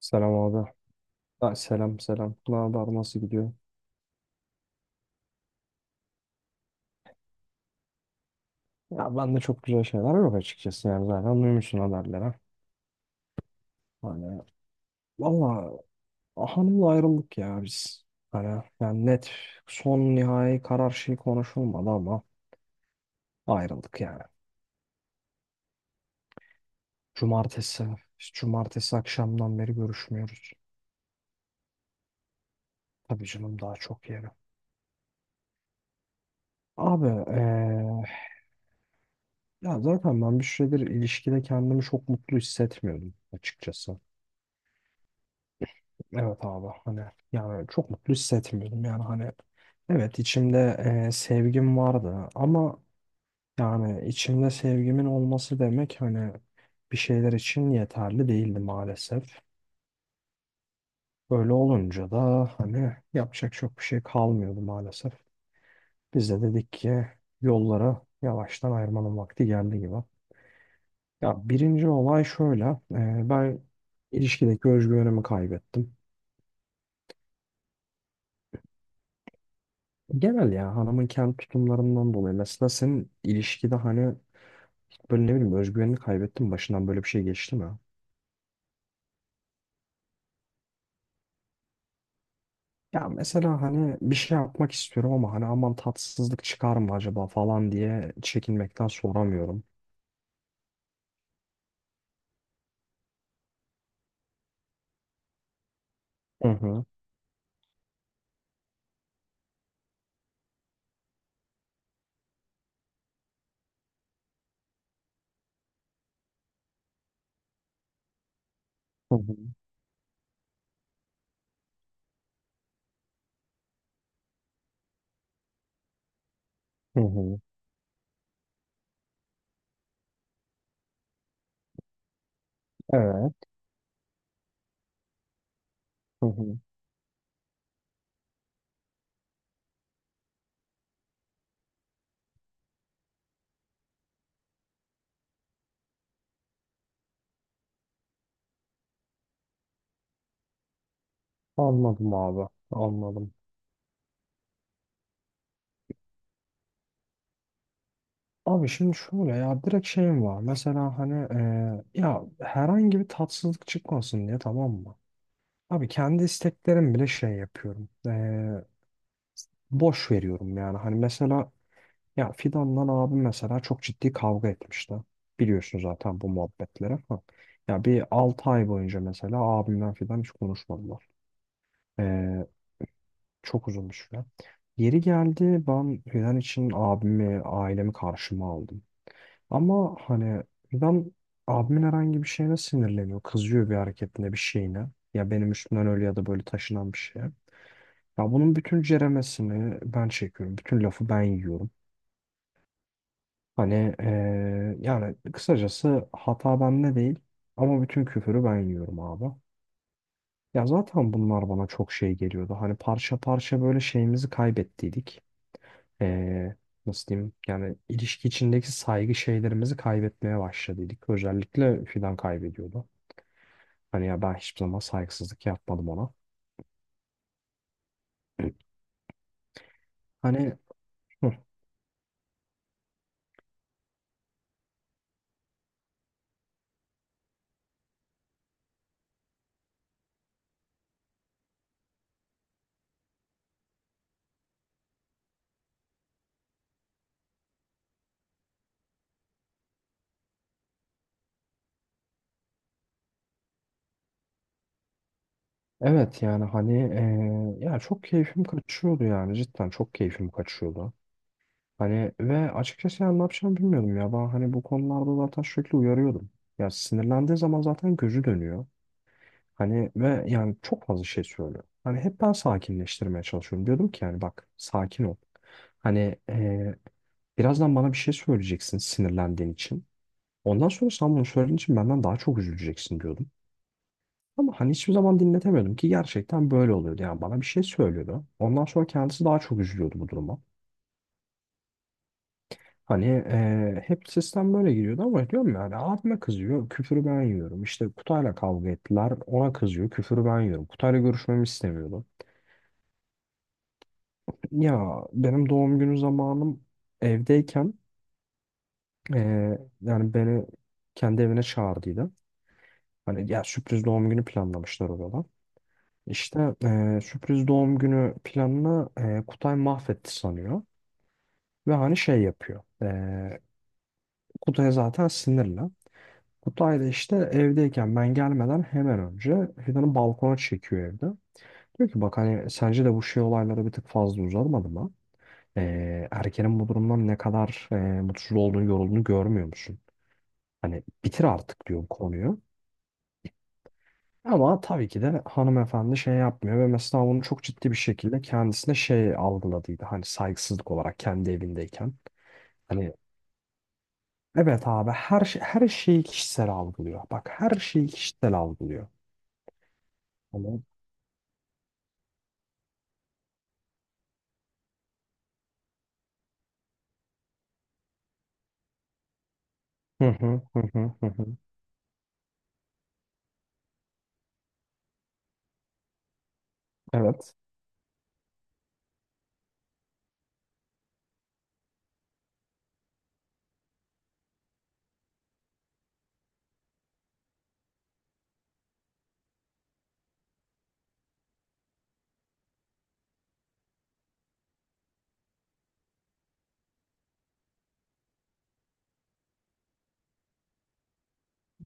Selam abi. Ha, selam selam. Ne haber nasıl gidiyor? Ya ben de çok güzel şeyler yok açıkçası yani zaten duymuşsun haberlere. Hani valla hanımla ayrıldık ya biz. Hani yani net son nihai karar şey konuşulmadı ama ayrıldık yani. Cumartesi, biz cumartesi akşamdan beri görüşmüyoruz. Tabii canım daha çok yeri. Abi, ya zaten ben bir süredir ilişkide kendimi çok mutlu hissetmiyordum açıkçası. Evet abi hani yani çok mutlu hissetmiyordum yani hani evet içimde sevgim vardı ama yani içimde sevgimin olması demek hani bir şeyler için yeterli değildi maalesef. Böyle olunca da hani yapacak çok bir şey kalmıyordu maalesef. Biz de dedik ki yollara yavaştan ayırmanın vakti geldi gibi. Ya birinci olay şöyle, ben ilişkideki özgüvenimi kaybettim. Genel ya hanımın kendi tutumlarından dolayı. Mesela senin ilişkide hani böyle ne bileyim özgüvenini kaybettin mi? Başından böyle bir şey geçti mi? Ya mesela hani bir şey yapmak istiyorum ama hani aman tatsızlık çıkar mı acaba falan diye çekinmekten soramıyorum. Hı hı. Hı hı. Hı hı. Evet. Hı hı. Anladım abi. Anladım. Abi şimdi şöyle ya direkt şeyim var. Mesela hani, ya herhangi bir tatsızlık çıkmasın diye tamam mı? Abi kendi isteklerim bile şey yapıyorum, boş veriyorum yani. Hani mesela ya Fidan'la abim mesela çok ciddi kavga etmişti. Biliyorsun zaten bu muhabbetleri. Ha. Ya bir 6 ay boyunca mesela abimden Fidan hiç konuşmadılar. Ee, çok uzun bir süre. Yeri geldi ben Fidan için abimi, ailemi karşıma aldım. Ama hani Fidan abimin herhangi bir şeyine sinirleniyor. Kızıyor bir hareketine, bir şeyine. Ya benim üstümden öyle ya da böyle taşınan bir şeye. Ya bunun bütün ceremesini ben çekiyorum. Bütün lafı ben yiyorum. Hani, yani kısacası hata bende değil ama bütün küfürü ben yiyorum abi. Ya zaten bunlar bana çok şey geliyordu. Hani parça parça böyle şeyimizi kaybettiydik. Eee, nasıl diyeyim? Yani ilişki içindeki saygı şeylerimizi kaybetmeye başladıydık. Özellikle Fidan kaybediyordu. Hani ya ben hiçbir zaman saygısızlık yapmadım ona. Hani hı, evet yani hani, ya çok keyfim kaçıyordu yani cidden çok keyfim kaçıyordu. Hani ve açıkçası yani ne yapacağımı bilmiyordum ya. Ben hani bu konularda zaten sürekli uyarıyordum. Ya sinirlendiği zaman zaten gözü dönüyor. Hani ve yani çok fazla şey söylüyor. Hani hep ben sakinleştirmeye çalışıyorum. Diyordum ki yani bak sakin ol. Hani, birazdan bana bir şey söyleyeceksin sinirlendiğin için. Ondan sonra sen bunu söylediğin için benden daha çok üzüleceksin diyordum. Ama hani hiçbir zaman dinletemiyordum ki gerçekten böyle oluyordu. Yani bana bir şey söylüyordu. Ondan sonra kendisi daha çok üzülüyordu bu duruma. Hani, hep sistem böyle gidiyordu ama diyorum yani abime kızıyor, küfürü ben yiyorum. İşte Kutay'la kavga ettiler, ona kızıyor, küfürü ben yiyorum. Kutay'la görüşmemi istemiyordu. Ya benim doğum günü zamanım evdeyken, yani beni kendi evine çağırdıydı. Hani ya sürpriz doğum günü planlamışlar orada. İşte, sürpriz doğum günü planını Kutay mahvetti sanıyor. Ve hani şey yapıyor. Kutay zaten sinirli. Kutay da işte evdeyken ben gelmeden hemen önce Fidan'ı balkona çekiyor evde. Diyor ki bak hani sence de bu şey olayları bir tık fazla uzatmadı mı? Erkenin bu durumdan ne kadar mutsuz olduğunu, yorulduğunu görmüyor musun? Hani bitir artık diyor bu konuyu. Ama tabii ki de hanımefendi şey yapmıyor ve mesela bunu çok ciddi bir şekilde kendisine şey algıladıydı. Hani saygısızlık olarak kendi evindeyken. Hani evet abi her şeyi kişisel algılıyor. Bak her şeyi kişisel algılıyor. Hı hı hı hı hı hı. Evet.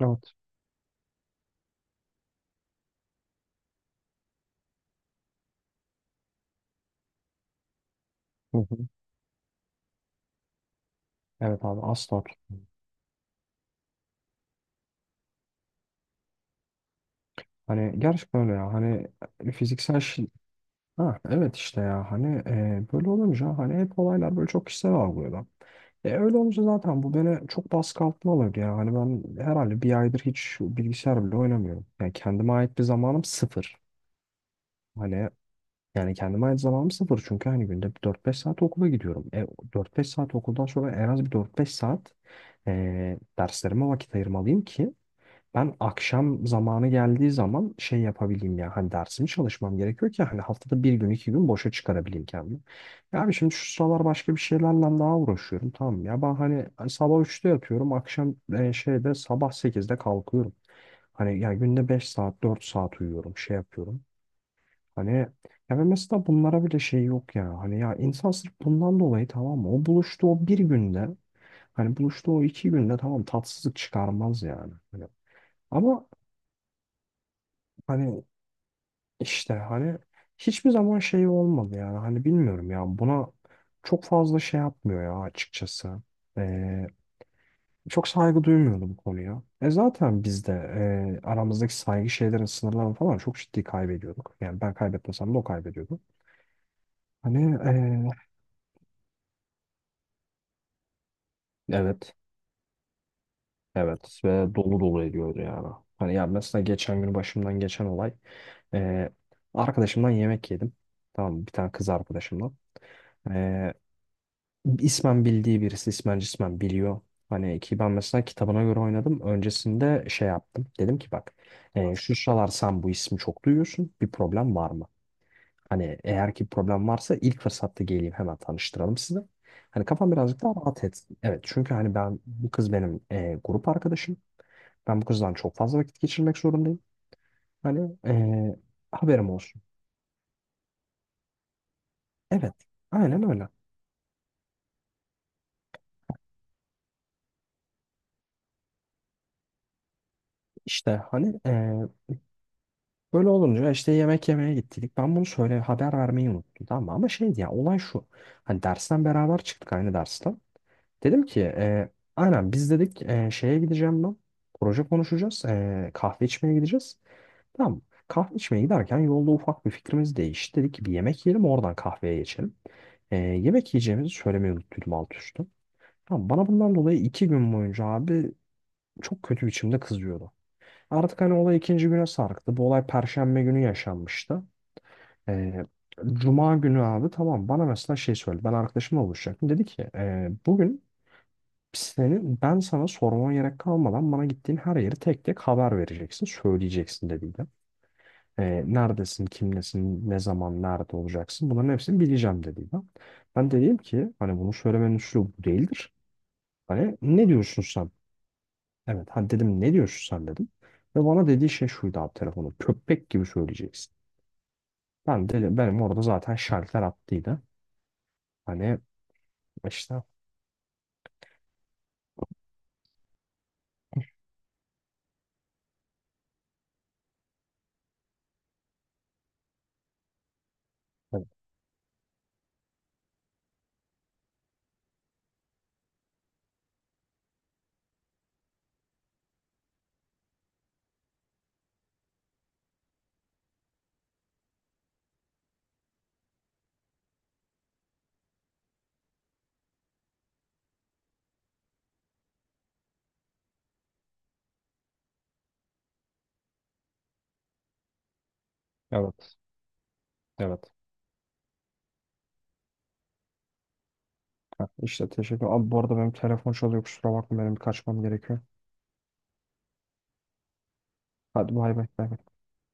Evet. Hı hı. Evet abi asla. Hani gerçekten öyle ya. Hani, fiziksel şey. Ha evet işte ya. Hani, böyle olunca hani hep olaylar böyle çok kişisel algılıyorlar. Öyle olunca zaten bu beni çok baskı altına alıyor ya. Hani ben herhalde bir aydır hiç bilgisayar bile oynamıyorum. Yani kendime ait bir zamanım sıfır. Hani yani kendime ait zamanım sıfır. Çünkü hani günde bir dört beş saat okula gidiyorum. 4-5 saat okuldan sonra en az bir dört beş saat, derslerime vakit ayırmalıyım ki ben akşam zamanı geldiği zaman şey yapabileyim ya hani dersimi çalışmam gerekiyor ki hani haftada bir gün iki gün boşa çıkarabileyim kendimi. Ya abi şimdi şu sıralar başka bir şeylerle daha uğraşıyorum tamam mı? Ya ben hani sabah üçte yatıyorum akşam şeyde sabah sekizde kalkıyorum. Hani ya günde 5 saat 4 saat uyuyorum şey yapıyorum. Hani ya ve mesela bunlara bile şey yok ya hani ya insan sırf bundan dolayı tamam mı o buluştu o bir günde hani buluştu o iki günde tamam tatsızlık çıkarmaz yani. Hani ama hani işte hani hiçbir zaman şey olmadı yani hani bilmiyorum ya buna çok fazla şey yapmıyor ya açıkçası. Ee, çok saygı duymuyordu bu konuya. E zaten biz de, aramızdaki saygı şeylerin sınırlarını falan çok ciddi kaybediyorduk. Yani ben kaybetmesem de o kaybediyordu. Hani, evet evet ve dolu dolu ediyordu yani. Hani ya mesela geçen gün başımdan geçen olay e, arkadaşımdan yemek yedim. Tamam mı? Bir tane kız arkadaşımdan. İsmen bildiği birisi ismen cismen biliyor. Hani ki ben mesela kitabına göre oynadım. Öncesinde şey yaptım. Dedim ki bak, şu sıralar sen bu ismi çok duyuyorsun. Bir problem var mı? Hani eğer ki problem varsa ilk fırsatta geleyim hemen tanıştıralım sizi. Hani kafam birazcık daha rahat etsin. Evet çünkü hani ben bu kız benim grup arkadaşım. Ben bu kızdan çok fazla vakit geçirmek zorundayım. Hani, haberim olsun. Evet aynen öyle. İşte hani, böyle olunca işte yemek yemeye gittik. Ben bunu söyle haber vermeyi unuttum tamam mı? Ama şeydi ya olay şu. Hani dersten beraber çıktık aynı dersten. Dedim ki, aynen biz dedik, şeye gideceğim ben. Proje konuşacağız. E, kahve içmeye gideceğiz. Tamam mı? Kahve içmeye giderken yolda ufak bir fikrimiz değişti. Dedik ki bir yemek yiyelim oradan kahveye geçelim. E, yemek yiyeceğimizi söylemeyi unuttum alt üstü. Tamam, bana bundan dolayı iki gün boyunca abi çok kötü biçimde kızıyordu. Artık hani olay ikinci güne sarktı. Bu olay Perşembe günü yaşanmıştı. Ee, Cuma günü abi tamam bana mesela şey söyledi. Ben arkadaşımla buluşacaktım. Dedi ki bugün senin ben sana sormama gerek kalmadan bana gittiğin her yeri tek tek haber vereceksin. Söyleyeceksin" dediydi. Neredesin, kimlesin, ne zaman, nerede olacaksın bunların hepsini bileceğim dediydi. Ben dedim ki hani bunu söylemenin üslubu bu değildir. Hani ne diyorsun sen? Evet hani dedim ne diyorsun sen dedim. Ve bana dediği şey şuydu abi telefonu köpek gibi söyleyeceksin. Ben de benim orada zaten şalter attıydı. Hani İşte. Evet. Evet. Evet. Ha, işte teşekkür. Abi bu arada benim telefon çalıyor. Kusura bakma benim kaçmam gerekiyor. Hadi bay bay. Bay bay.